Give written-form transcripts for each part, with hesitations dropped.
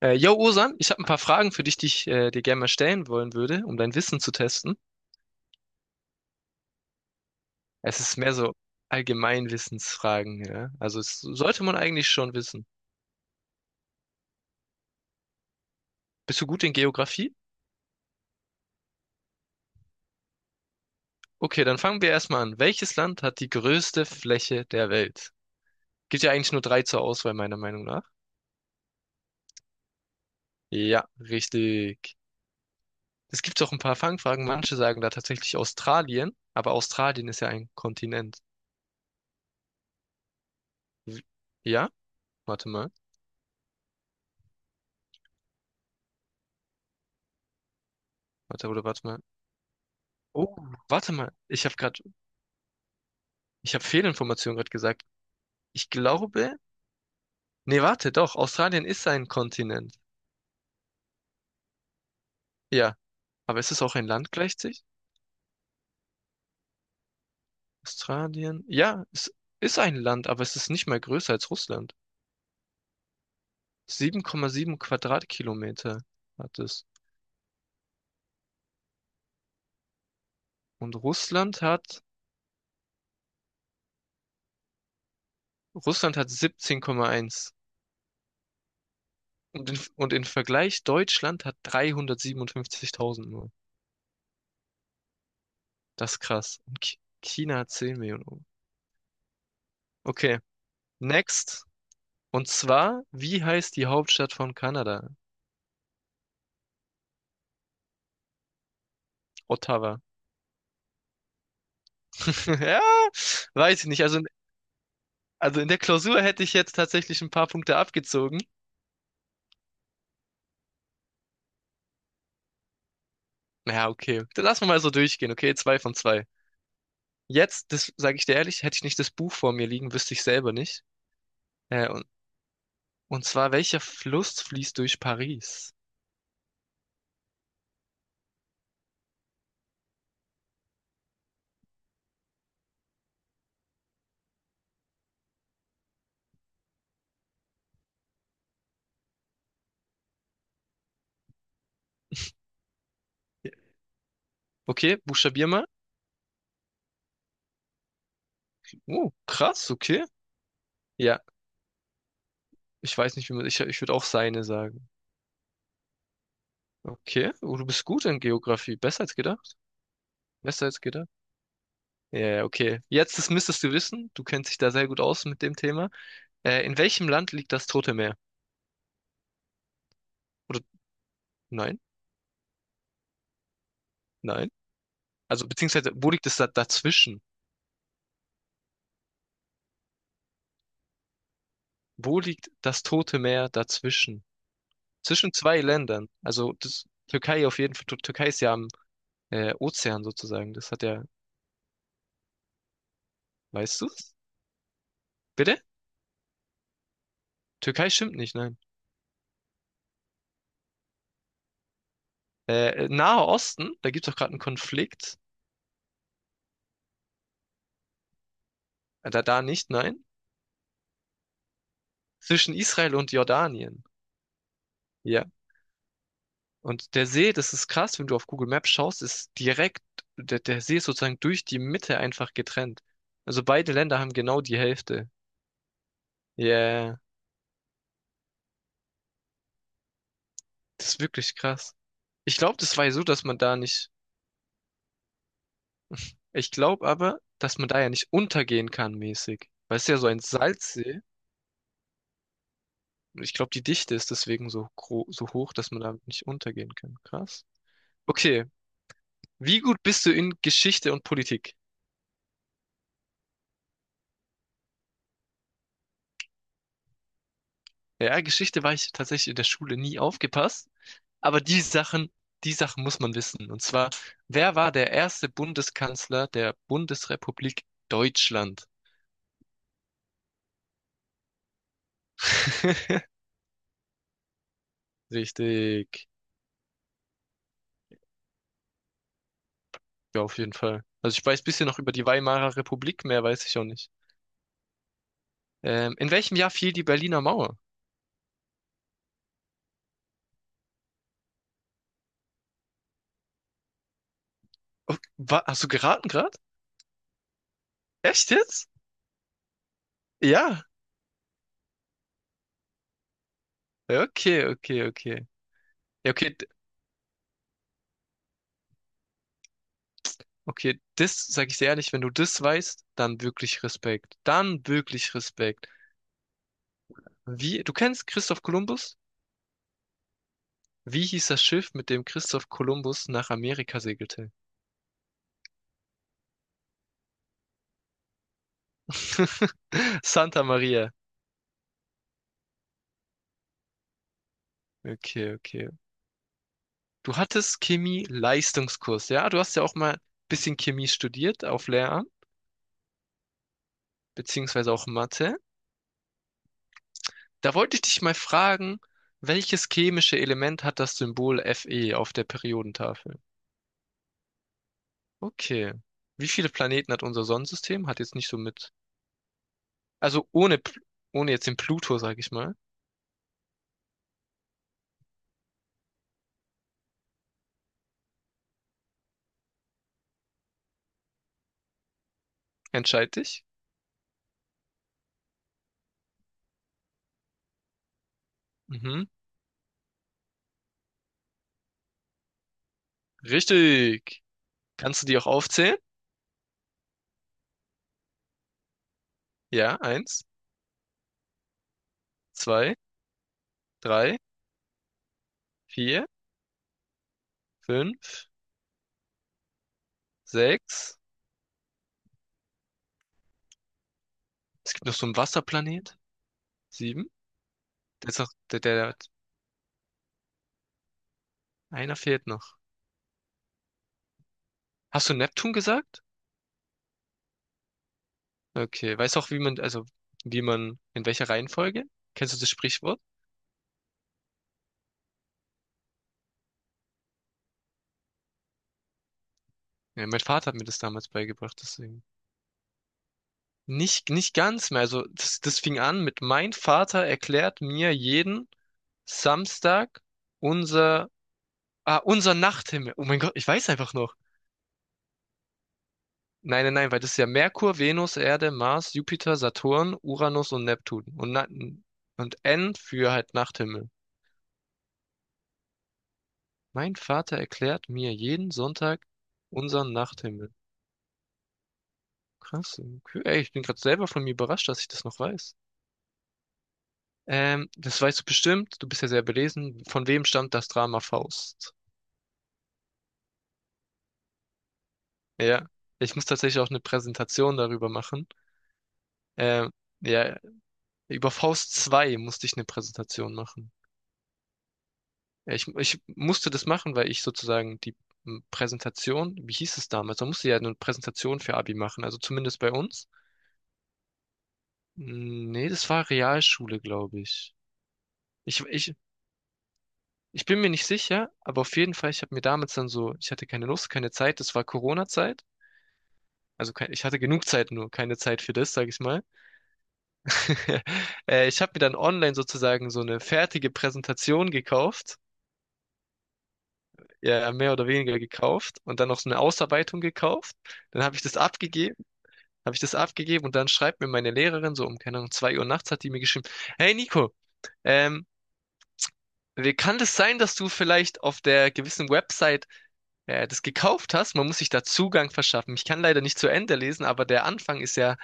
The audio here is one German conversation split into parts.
Yo, Osan, ich habe ein paar Fragen für dich, die ich dir gerne mal stellen wollen würde, um dein Wissen zu testen. Es ist mehr so Allgemeinwissensfragen, ja. Also es sollte man eigentlich schon wissen. Bist du gut in Geografie? Okay, dann fangen wir erstmal an. Welches Land hat die größte Fläche der Welt? Gibt ja eigentlich nur drei zur Auswahl, meiner Meinung nach. Ja, richtig. Es gibt auch ein paar Fangfragen. Manche sagen da tatsächlich Australien, aber Australien ist ja ein Kontinent. W- Ja? Warte mal. Warte, oder warte mal. Oh, warte mal. Ich habe Fehlinformation gerade gesagt. Ich glaube, nee, warte, doch, Australien ist ein Kontinent. Ja, aber ist es auch ein Land gleichzeitig? Australien, ja, es ist ein Land, aber es ist nicht mal größer als Russland. 7,7 Quadratkilometer hat es. Und Russland hat, Russland hat 17,1. Und in Vergleich, Deutschland hat 357.000 nur. Das ist krass. Und China hat 10 Millionen. Okay, next. Und zwar, wie heißt die Hauptstadt von Kanada? Ottawa. Ja, weiß ich nicht. Also in der Klausur hätte ich jetzt tatsächlich ein paar Punkte abgezogen. Ja, okay. Dann lassen wir mal so durchgehen, okay? 2 von 2. Jetzt, das sage ich dir ehrlich, hätte ich nicht das Buch vor mir liegen, wüsste ich selber nicht. Äh, und, und zwar, welcher Fluss fließt durch Paris? Okay, buchstabier mal. Oh, krass, okay. Ja, ich weiß nicht, wie man, ich würde auch Seine sagen. Okay, oh, du bist gut in Geografie. Besser als gedacht. Besser als gedacht. Ja, ja, okay. Jetzt, das müsstest du wissen. Du kennst dich da sehr gut aus mit dem Thema. In welchem Land liegt das Tote Meer? Oder nein, nein. Also beziehungsweise, wo liegt es da, dazwischen? Wo liegt das Tote Meer dazwischen? Zwischen zwei Ländern. Also das Türkei auf jeden Fall. Türkei ist ja am Ozean sozusagen. Das hat ja, weißt du's? Bitte? Türkei stimmt nicht, nein. Nahe Osten, da gibt es doch gerade einen Konflikt. Da nicht, nein. Zwischen Israel und Jordanien. Ja. Und der See, das ist krass, wenn du auf Google Maps schaust, ist direkt, der See ist sozusagen durch die Mitte einfach getrennt. Also beide Länder haben genau die Hälfte. Ja, yeah, das ist wirklich krass. Ich glaube, das war ja so, dass man da nicht, ich glaube aber, dass man da ja nicht untergehen kann mäßig. Weil es ist ja so ein Salzsee. Und ich glaube, die Dichte ist deswegen so hoch, dass man da nicht untergehen kann. Krass. Okay, wie gut bist du in Geschichte und Politik? Ja, Geschichte war ich tatsächlich in der Schule nie aufgepasst. Aber die Sachen muss man wissen. Und zwar, wer war der erste Bundeskanzler der Bundesrepublik Deutschland? Richtig. Ja, auf jeden Fall. Also ich weiß bisschen noch über die Weimarer Republik, mehr weiß ich auch nicht. In welchem Jahr fiel die Berliner Mauer? Oh, hast du geraten gerade? Echt jetzt? Ja. Okay, okay, okay. Ja, okay, d- okay, das sage ich dir ehrlich, wenn du das weißt, dann wirklich Respekt. Dann wirklich Respekt. Wie, du kennst Christoph Kolumbus? Wie hieß das Schiff, mit dem Christoph Kolumbus nach Amerika segelte? Santa Maria. Okay, okay. Du hattest Chemie-Leistungskurs, ja? Du hast ja auch mal ein bisschen Chemie studiert auf Lehramt, beziehungsweise auch Mathe. Da wollte ich dich mal fragen, welches chemische Element hat das Symbol Fe auf der Periodentafel? Okay. Wie viele Planeten hat unser Sonnensystem? Hat jetzt nicht so mit. Also ohne, Pl- Ohne jetzt den Pluto, sag ich mal. Entscheid dich. Mhm. Richtig. Kannst du die auch aufzählen? Ja, eins, zwei, drei, vier, fünf, sechs. Es gibt noch so einen Wasserplanet. Sieben. Der ist noch, der, der, einer fehlt noch. Hast du Neptun gesagt? Okay. Weißt du auch, wie man, also, wie man, in welcher Reihenfolge? Kennst du das Sprichwort? Ja, mein Vater hat mir das damals beigebracht, deswegen. Nicht ganz mehr. Also, das fing an mit, mein Vater erklärt mir jeden Samstag unser, unser Nachthimmel. Oh mein Gott, ich weiß einfach noch. Nein, nein, nein, weil das ist ja Merkur, Venus, Erde, Mars, Jupiter, Saturn, Uranus und Neptun. Und N für halt Nachthimmel. Mein Vater erklärt mir jeden Sonntag unseren Nachthimmel. Krass. Okay. Ey, ich bin gerade selber von mir überrascht, dass ich das noch weiß. Das weißt du bestimmt. Du bist ja sehr belesen. Von wem stammt das Drama Faust? Ja. Ich muss tatsächlich auch eine Präsentation darüber machen. Ähm, ja, über Faust 2 musste ich eine Präsentation machen. Ja, ich musste das machen, weil ich sozusagen die Präsentation, wie hieß es damals? Man musste ja eine Präsentation für Abi machen, also zumindest bei uns. Nee, das war Realschule, glaube ich. Ich, ich, ich bin mir nicht sicher, aber auf jeden Fall, ich habe mir damals dann so, ich hatte keine Lust, keine Zeit, das war Corona-Zeit. Also kein, ich hatte genug Zeit, nur keine Zeit für das, sage ich mal. Ich habe mir dann online sozusagen so eine fertige Präsentation gekauft, ja, mehr oder weniger gekauft und dann noch so eine Ausarbeitung gekauft. Dann habe ich das abgegeben. Habe ich das abgegeben und dann schreibt mir meine Lehrerin so um, keine Ahnung, 2 Uhr nachts hat die mir geschrieben, hey Nico, ähm, wie kann es sein, dass du vielleicht auf der gewissen Website das gekauft hast? Man muss sich da Zugang verschaffen. Ich kann leider nicht zu Ende lesen, aber der Anfang ist ja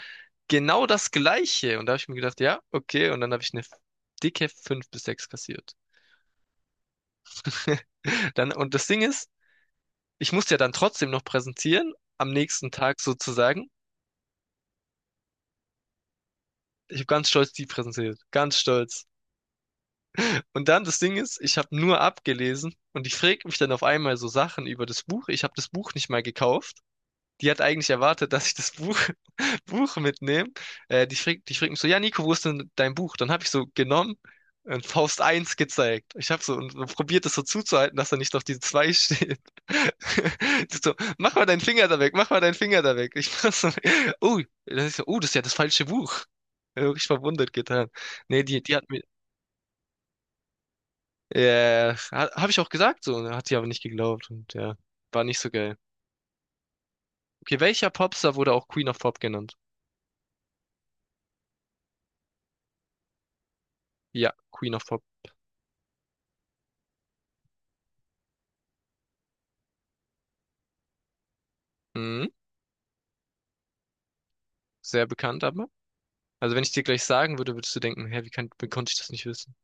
genau das Gleiche. Und da habe ich mir gedacht, ja, okay. Und dann habe ich eine dicke 5 bis 6 kassiert. Dann, und das Ding ist, ich musste ja dann trotzdem noch präsentieren, am nächsten Tag sozusagen. Ich habe ganz stolz die präsentiert. Ganz stolz. Und dann das Ding ist, ich habe nur abgelesen und die fragt mich dann auf einmal so Sachen über das Buch. Ich habe das Buch nicht mal gekauft. Die hat eigentlich erwartet, dass ich das Buch, Buch mitnehme. Die fragt mich so, ja, Nico, wo ist denn dein Buch? Dann habe ich so genommen und Faust eins gezeigt. Ich habe so und probiert das so zuzuhalten, dass da nicht noch die 2 steht. Die so, mach mal deinen Finger da weg, mach mal deinen Finger da weg. Ich mach so, oh, das ist, so, oh, das ist ja das falsche Buch. Wirklich verwundert getan. Nee, die hat mir, ja, habe ich auch gesagt so, ne? Hat sie aber nicht geglaubt und ja, war nicht so geil. Okay, welcher Popstar wurde auch Queen of Pop genannt? Ja, Queen of Pop. Mhm, sehr bekannt aber. Also wenn ich dir gleich sagen würde, würdest du denken, hä, wie kann, wie konnte ich das nicht wissen?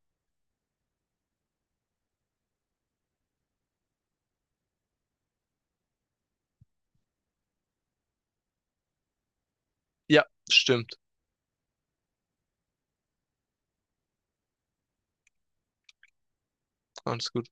Ja, stimmt. Alles gut.